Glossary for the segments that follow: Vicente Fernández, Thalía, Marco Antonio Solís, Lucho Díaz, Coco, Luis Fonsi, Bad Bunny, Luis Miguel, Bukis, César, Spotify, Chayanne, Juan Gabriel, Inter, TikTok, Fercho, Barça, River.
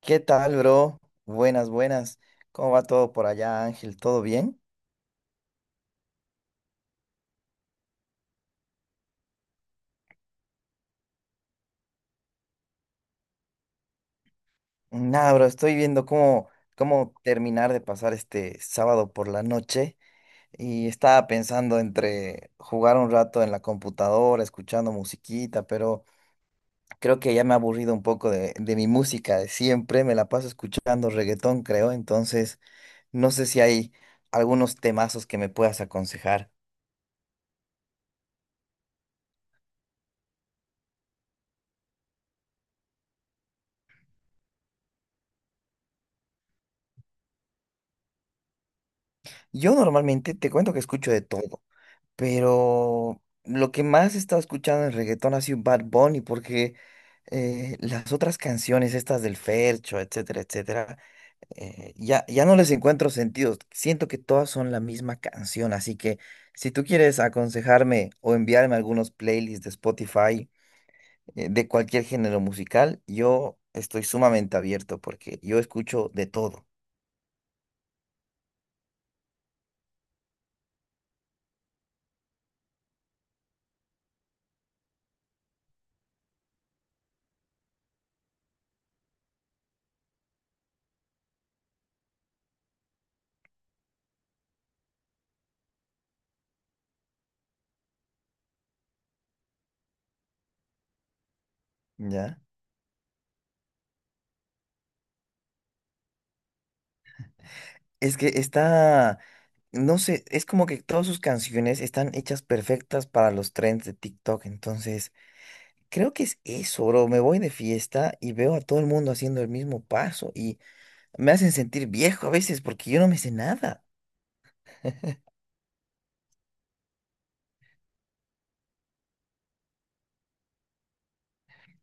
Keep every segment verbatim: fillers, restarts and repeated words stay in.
¿Qué tal, bro? Buenas, buenas. ¿Cómo va todo por allá, Ángel? ¿Todo bien? Nada, bro, estoy viendo cómo, cómo terminar de pasar este sábado por la noche y estaba pensando entre jugar un rato en la computadora, escuchando musiquita, pero creo que ya me ha aburrido un poco de, de mi música de siempre. Me la paso escuchando reggaetón, creo, entonces no sé si hay algunos temazos que me puedas aconsejar. Yo normalmente te cuento que escucho de todo. Pero lo que más he estado escuchando en reggaetón ha sido Bad Bunny, porque eh, las otras canciones, estas del Fercho, etcétera, etcétera, eh, ya, ya no les encuentro sentido. Siento que todas son la misma canción, así que si tú quieres aconsejarme o enviarme algunos playlists de Spotify, eh, de cualquier género musical, yo estoy sumamente abierto porque yo escucho de todo, ¿ya? Es que está, no sé, es como que todas sus canciones están hechas perfectas para los trends de TikTok. Entonces, creo que es eso, bro. Me voy de fiesta y veo a todo el mundo haciendo el mismo paso y me hacen sentir viejo a veces porque yo no me sé nada.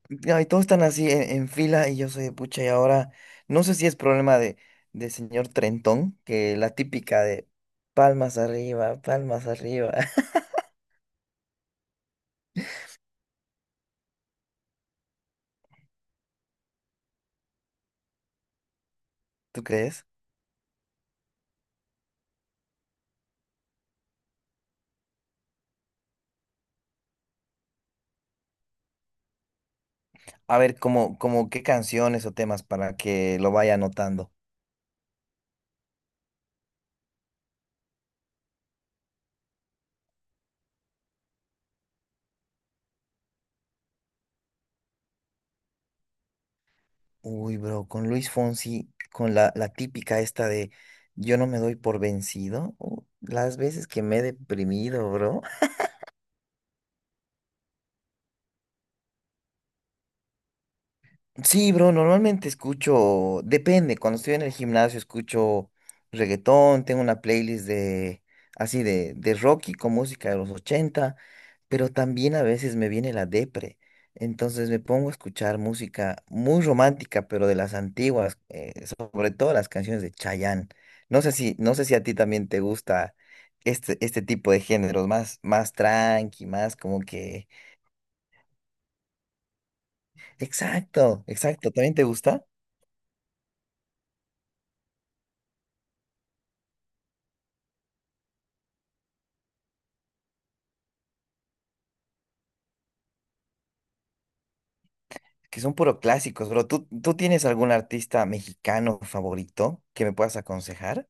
Ya, y todos están así en, en fila y yo soy de pucha y ahora no sé si es problema de, de señor Trentón, que la típica de palmas arriba, palmas arriba. ¿Tú crees? A ver, como, como qué canciones o temas para que lo vaya anotando. Uy, bro, con Luis Fonsi, con la, la típica esta de yo no me doy por vencido. Uh, las veces que me he deprimido, bro. Sí, bro, normalmente escucho, depende, cuando estoy en el gimnasio escucho reggaetón, tengo una playlist de así de, de rock y con música de los ochenta. Pero también a veces me viene la depre. Entonces me pongo a escuchar música muy romántica, pero de las antiguas, eh, sobre todo las canciones de Chayanne. No sé si, no sé si a ti también te gusta este, este tipo de géneros, más, más tranqui, más como que. Exacto, exacto, ¿también te gusta? Que son puro clásicos, bro. ¿Tú, tú tienes algún artista mexicano favorito que me puedas aconsejar?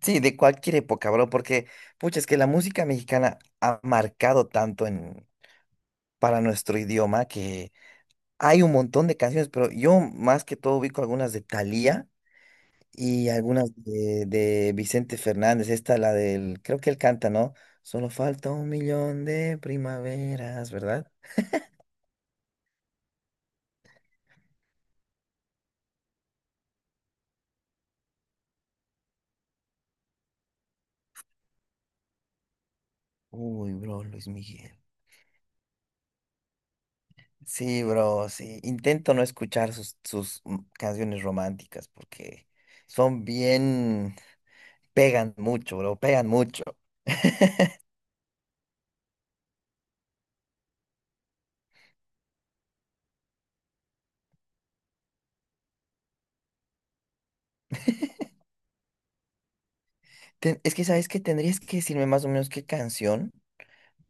Sí, de cualquier época, bro, porque, pucha, es que la música mexicana ha marcado tanto en, para nuestro idioma, que hay un montón de canciones, pero yo más que todo ubico algunas de Thalía y algunas de, de Vicente Fernández. Esta, la del, creo que él canta, ¿no? Solo falta un millón de primaveras, ¿verdad? Uy, bro, Luis Miguel. Sí, bro, sí. Intento no escuchar sus, sus mm, canciones románticas porque son bien, pegan mucho, bro, pegan mucho. Ten- es que, ¿sabes qué? Tendrías que decirme más o menos qué canción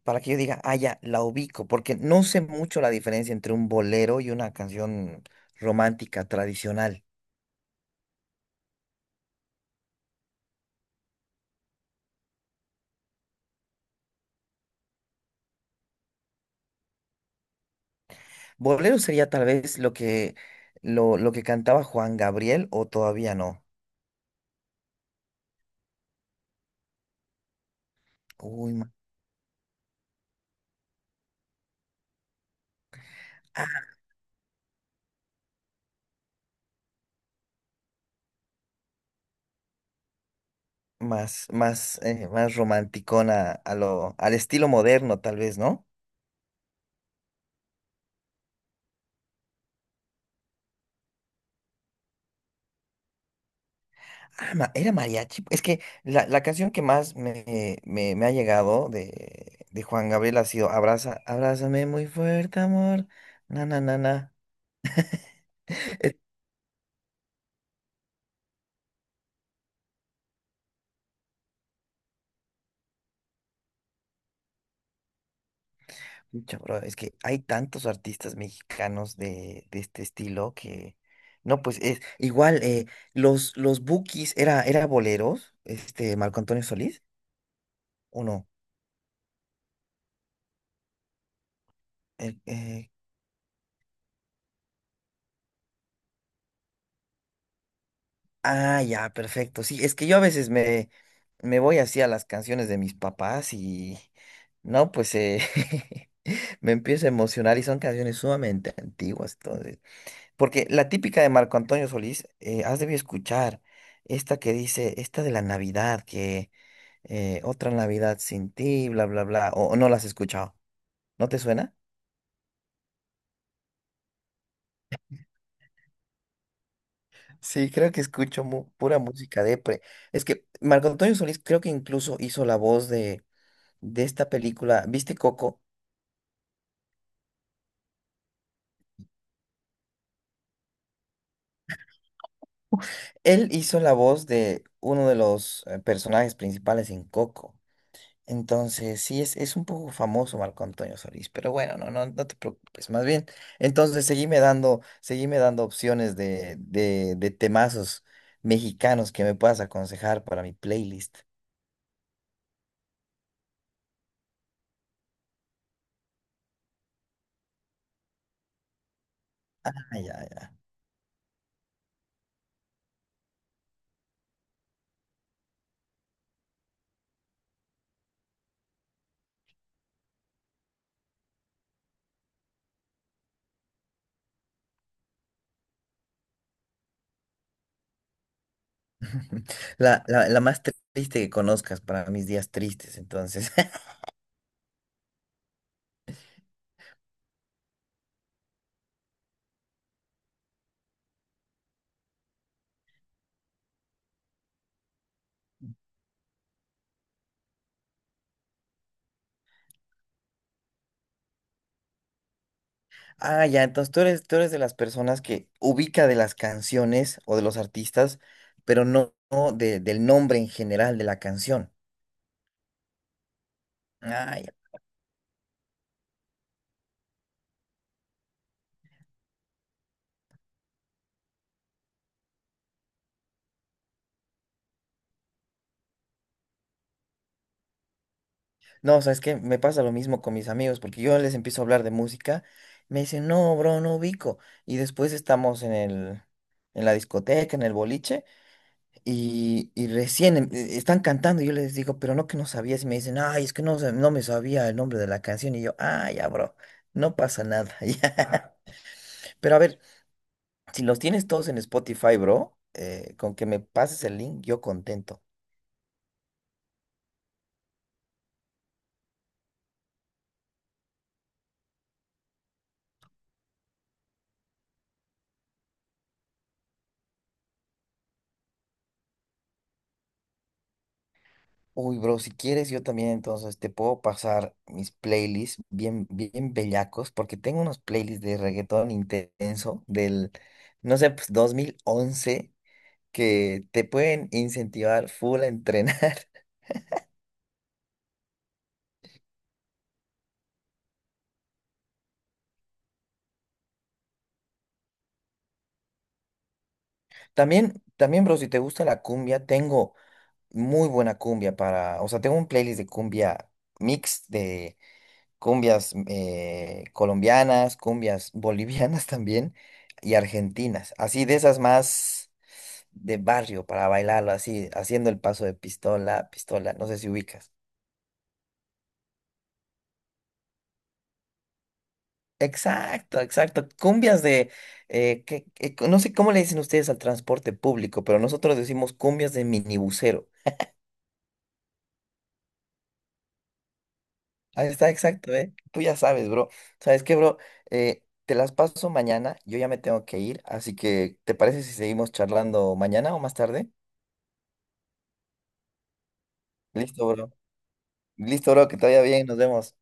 para que yo diga, ah, ya, la ubico, porque no sé mucho la diferencia entre un bolero y una canción romántica tradicional. Bolero sería tal vez lo que, lo, lo que cantaba Juan Gabriel, o todavía no. Uy, ma- más, más, eh, más romanticona a lo, al estilo moderno, tal vez, ¿no? Ah, ma- era mariachi. Es que la, la canción que más me, me, me ha llegado de, de Juan Gabriel ha sido Abraza, abrázame muy fuerte, amor. Na, na, na, na. Es, Pucha, bro, es que hay tantos artistas mexicanos de, de este estilo, que. No, pues es igual, eh, los, los Bukis era, era boleros, este Marco Antonio Solís, ¿o no? El- eh, Ah, ya, perfecto. Sí, es que yo a veces me, me voy así a las canciones de mis papás y no, pues eh, me empiezo a emocionar y son canciones sumamente antiguas, entonces. Porque la típica de Marco Antonio Solís, eh, has debido escuchar esta que dice, esta de la Navidad, que eh, otra Navidad sin ti, bla, bla, bla, o, o no las has escuchado. ¿No te suena? Sí, creo que escucho mu- pura música depre. Es que Marco Antonio Solís creo que incluso hizo la voz de de esta película, ¿viste Coco? Él hizo la voz de uno de los eh, personajes principales en Coco. Entonces, sí, es, es un poco famoso Marco Antonio Solís, pero bueno, no, no, no te preocupes, más bien. Entonces, seguime dando, seguime dando opciones de, de, de temazos mexicanos que me puedas aconsejar para mi playlist. Ah, ya, ya. La, la, la más triste que conozcas para mis días tristes, entonces. Ah, ya, entonces tú eres, tú eres, de las personas que ubica de las canciones o de los artistas, pero no, no de- del nombre en general de la canción. Ah, ya. No, sabes que me pasa lo mismo con mis amigos, porque yo les empiezo a hablar de música, me dicen, no, bro, no ubico. Y después estamos en el, en la discoteca, en el boliche, y, y recién em- e- están cantando, y yo les digo, pero no que no sabías, y me dicen, ay, es que no, sab- no me sabía el nombre de la canción, y yo, ah, ya, bro, no pasa nada. Ya. Pero a ver. Si los tienes todos en Spotify, bro, eh, con que me pases el link, yo contento. Uy, bro, si quieres, yo también entonces te puedo pasar mis playlists bien, bien bellacos, porque tengo unos playlists de reggaetón intenso del, no sé, pues dos mil once, que te pueden incentivar full a entrenar. También, también, bro, si te gusta la cumbia, tengo muy buena cumbia para, o sea, tengo un playlist de cumbia mix de cumbias eh, colombianas, cumbias bolivianas también y argentinas, así de esas más de barrio para bailarlo, así haciendo el paso de pistola, pistola, no sé si ubicas. Exacto, exacto. Cumbias de, eh, que, que- no sé cómo le dicen ustedes al transporte público, pero nosotros decimos cumbias de minibusero. Ahí está, exacto, ¿eh? Tú ya sabes, bro. ¿Sabes qué, bro? Eh, te las paso mañana, yo ya me tengo que ir, así que ¿te parece si seguimos charlando mañana o más tarde? Listo, bro. Listo, bro, que te vaya bien, nos vemos.